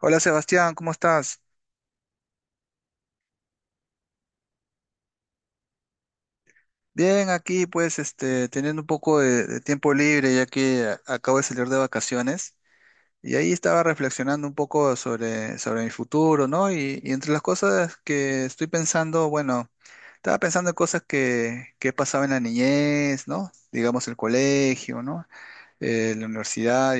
Hola Sebastián, ¿cómo estás? Bien, aquí pues este, teniendo un poco de tiempo libre ya que acabo de salir de vacaciones y ahí estaba reflexionando un poco sobre mi futuro, ¿no? Y entre las cosas que estoy pensando, bueno, estaba pensando en cosas que he pasado en la niñez, ¿no? Digamos el colegio, ¿no? La universidad.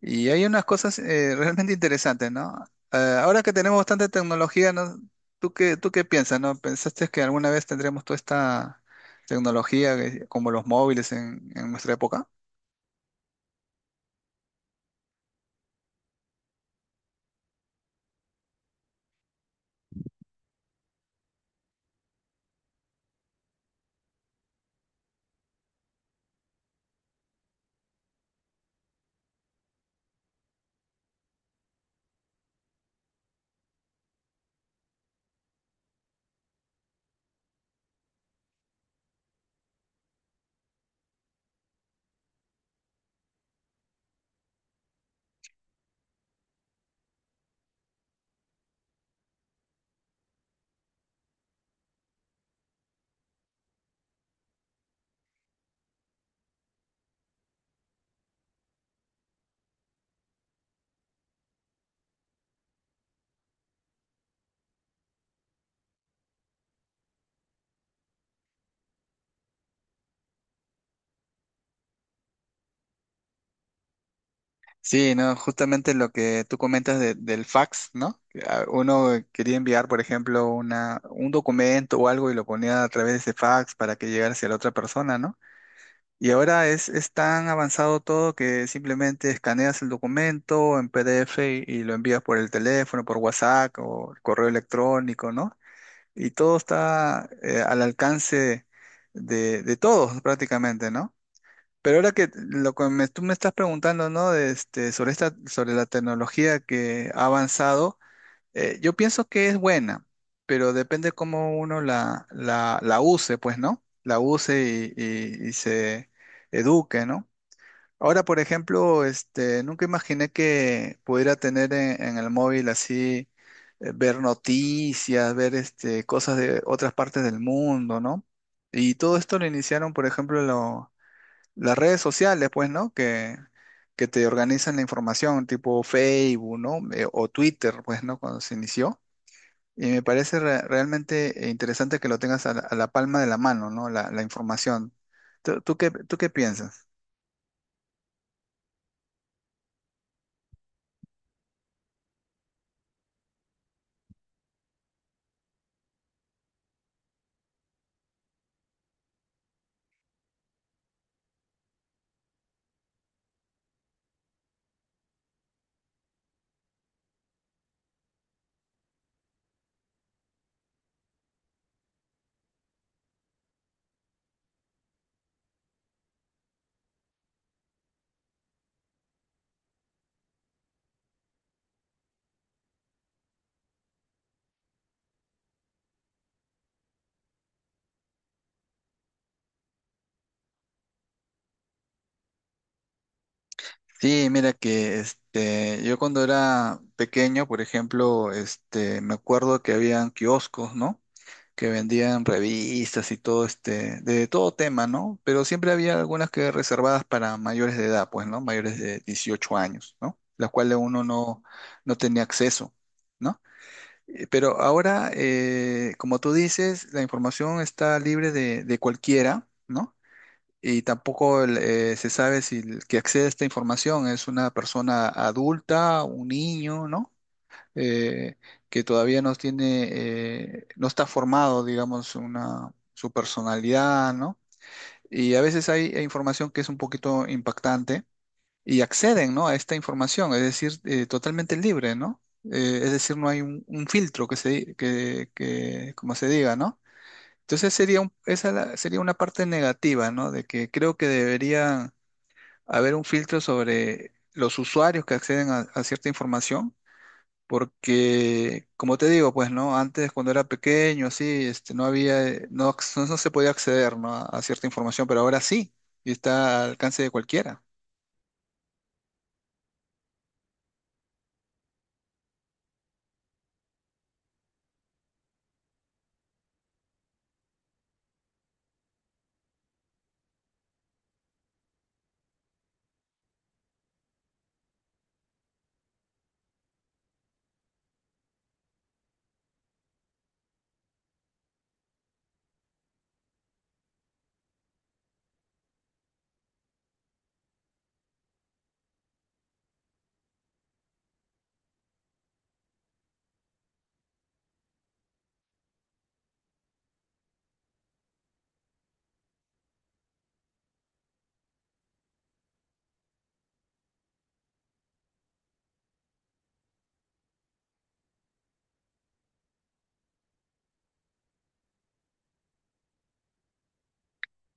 Y hay unas cosas realmente interesantes, ¿no? Ahora que tenemos bastante tecnología, ¿no? ¿Tú qué piensas, no? ¿Pensaste que alguna vez tendremos toda esta tecnología como los móviles en nuestra época? Sí, ¿no? Justamente lo que tú comentas del fax, ¿no? Uno quería enviar, por ejemplo, un documento o algo y lo ponía a través de ese fax para que llegara hacia la otra persona, ¿no? Y ahora es tan avanzado todo que simplemente escaneas el documento en PDF y lo envías por el teléfono, por WhatsApp o el correo electrónico, ¿no? Y todo está al alcance de todos prácticamente, ¿no? Pero ahora que lo que tú me estás preguntando, ¿no? De este, sobre esta, sobre la tecnología que ha avanzado, yo pienso que es buena, pero depende cómo uno la use, pues, ¿no? La use y se eduque, ¿no? Ahora, por ejemplo, este, nunca imaginé que pudiera tener en el móvil así, ver noticias, ver este, cosas de otras partes del mundo, ¿no? Y todo esto lo iniciaron, por ejemplo, las redes sociales, pues, ¿no? Que te organizan la información, tipo Facebook, ¿no? O Twitter, pues, ¿no? Cuando se inició. Y me parece realmente interesante que lo tengas a a la palma de la mano, ¿no? La información. ¿Tú qué piensas? Sí, mira que este, yo cuando era pequeño, por ejemplo, este, me acuerdo que habían kioscos, ¿no? Que vendían revistas y todo, este, de todo tema, ¿no? Pero siempre había algunas que reservadas para mayores de edad, pues, ¿no? Mayores de 18 años, ¿no? Las cuales uno no tenía acceso, ¿no? Pero ahora, como tú dices, la información está libre de cualquiera, ¿no? Y tampoco se sabe si el que accede a esta información es una persona adulta, un niño, ¿no? Eh, que todavía no tiene, no está formado, digamos, una, su personalidad, ¿no? Y a veces hay información que es un poquito impactante y acceden, ¿no? A esta información, es decir, totalmente libre, ¿no? Es decir, no hay un filtro que que, como se diga, ¿no? Entonces sería sería una parte negativa, ¿no? De que creo que debería haber un filtro sobre los usuarios que acceden a cierta información, porque, como te digo, pues, ¿no? Antes, cuando era pequeño, así, este, no había, no se podía acceder, ¿no? A cierta información, pero ahora sí, y está al alcance de cualquiera.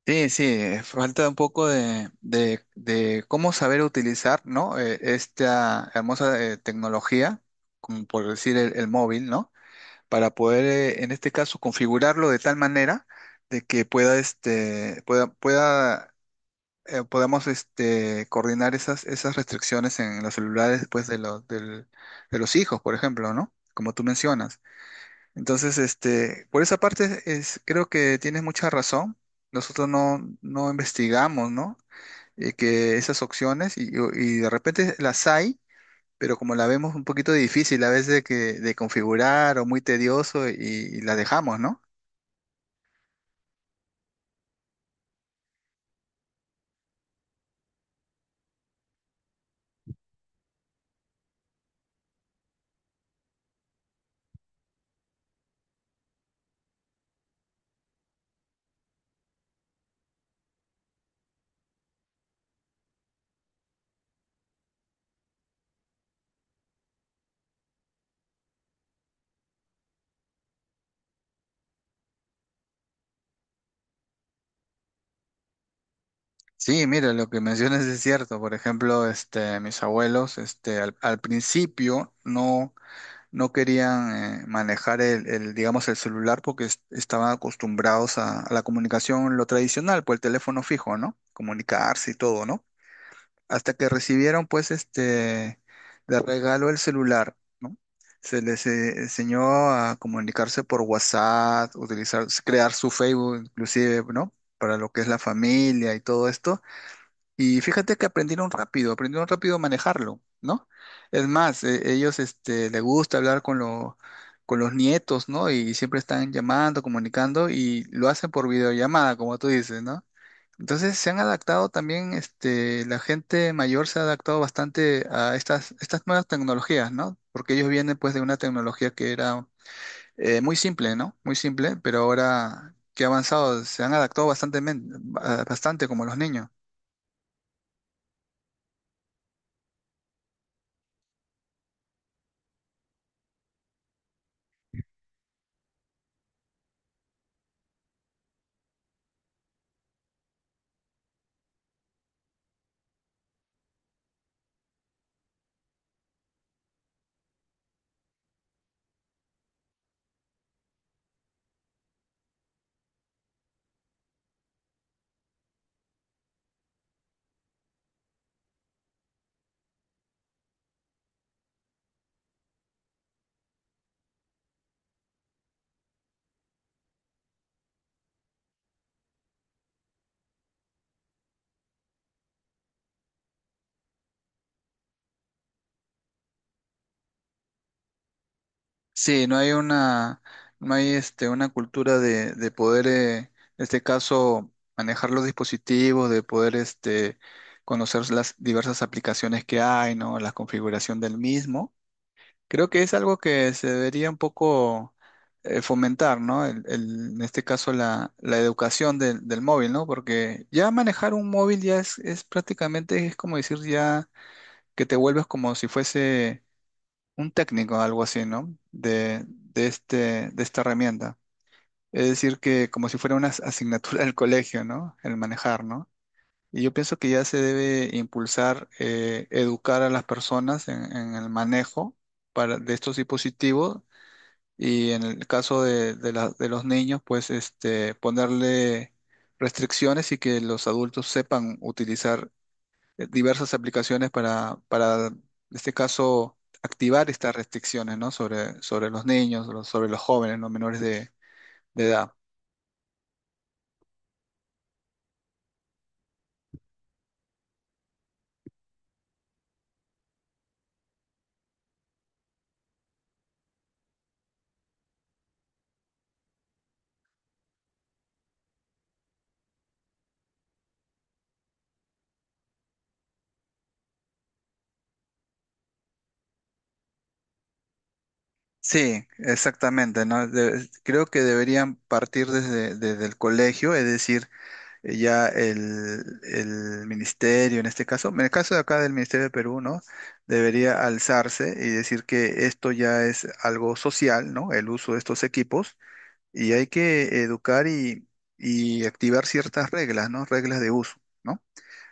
Sí, sí, falta un poco de cómo saber utilizar, ¿no? Esta hermosa tecnología, como por decir el móvil, ¿no? Para poder, en este caso, configurarlo de tal manera de que pueda, pueda, podamos, este, coordinar esas restricciones en los celulares, pues, de de los hijos, por ejemplo, ¿no? Como tú mencionas. Entonces, este, por esa parte es, creo que tienes mucha razón. Nosotros no investigamos, ¿no? Que esas opciones y de repente las hay, pero como la vemos un poquito difícil a veces de configurar o muy tedioso y la dejamos, ¿no? Sí, mira, lo que mencionas es cierto. Por ejemplo, este, mis abuelos, este, al principio no querían manejar digamos, el celular porque estaban acostumbrados a la comunicación, lo tradicional, pues el teléfono fijo, ¿no? Comunicarse y todo, ¿no? Hasta que recibieron, pues, este, de regalo el celular, ¿no? Se les enseñó a comunicarse por WhatsApp, utilizar, crear su Facebook, inclusive, ¿no? Para lo que es la familia y todo esto. Y fíjate que aprendieron rápido a manejarlo, ¿no? Es más, ellos este, les gusta hablar con los nietos, ¿no? Y siempre están llamando, comunicando y lo hacen por videollamada, como tú dices, ¿no? Entonces se han adaptado también, este, la gente mayor se ha adaptado bastante a estas nuevas tecnologías, ¿no? Porque ellos vienen pues de una tecnología que era muy simple, ¿no? Muy simple, pero ahora que ha avanzado, se han adaptado bastante, bastante como los niños. Sí, no hay no hay este, una cultura de poder, en este caso, manejar los dispositivos, de poder este, conocer las diversas aplicaciones que hay, ¿no? La configuración del mismo. Creo que es algo que se debería un poco fomentar, ¿no? En este caso, la educación del móvil, ¿no? Porque ya manejar un móvil ya es prácticamente, es como decir ya que te vuelves como si fuese un técnico, algo así, ¿no? De esta herramienta. Es decir, que como si fuera una asignatura del colegio, ¿no? El manejar, ¿no? Y yo pienso que ya se debe impulsar, educar a las personas en el manejo de estos dispositivos y en el caso de los niños, pues este, ponerle restricciones y que los adultos sepan utilizar diversas aplicaciones en este caso, activar estas restricciones, ¿no? Sobre los niños, sobre los jóvenes, los menores de edad. Sí, exactamente, ¿no? Creo que deberían partir desde el colegio, es decir, eh, ya el, el ministerio, en este caso, en el caso de acá del Ministerio de Perú, ¿no? Debería alzarse y decir que esto ya es algo social, ¿no? El uso de estos equipos y hay que educar y activar ciertas reglas, ¿no? Reglas de uso, ¿no?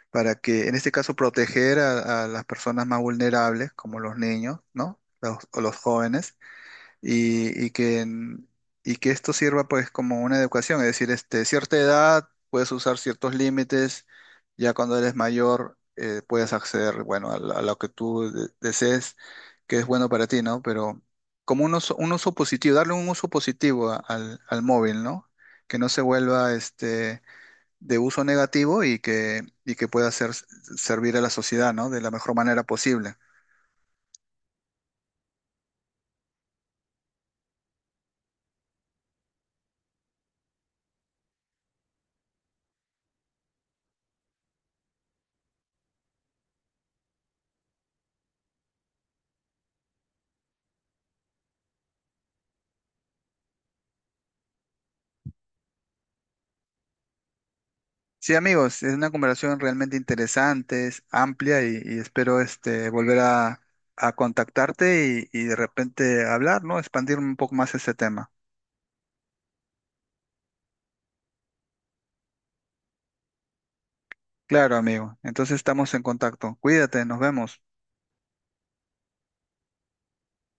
Para que, en este caso, proteger a las personas más vulnerables, como los niños, ¿no? Los, o los jóvenes y, y que, en- y que esto sirva pues como una educación, es decir, este, cierta edad puedes usar ciertos límites, ya cuando eres mayor puedes acceder, bueno, a lo que tú desees, que es bueno para ti, ¿no? Pero como un uso positivo, darle un uso positivo al móvil, ¿no? Que no se vuelva este, de uso negativo y que pueda ser, servir a la sociedad, ¿no? De la mejor manera posible. Sí, amigos, es una conversación realmente interesante, es amplia y espero este, volver a contactarte y de repente hablar, ¿no? Expandir un poco más ese tema. Claro, amigo. Entonces estamos en contacto. Cuídate, nos vemos.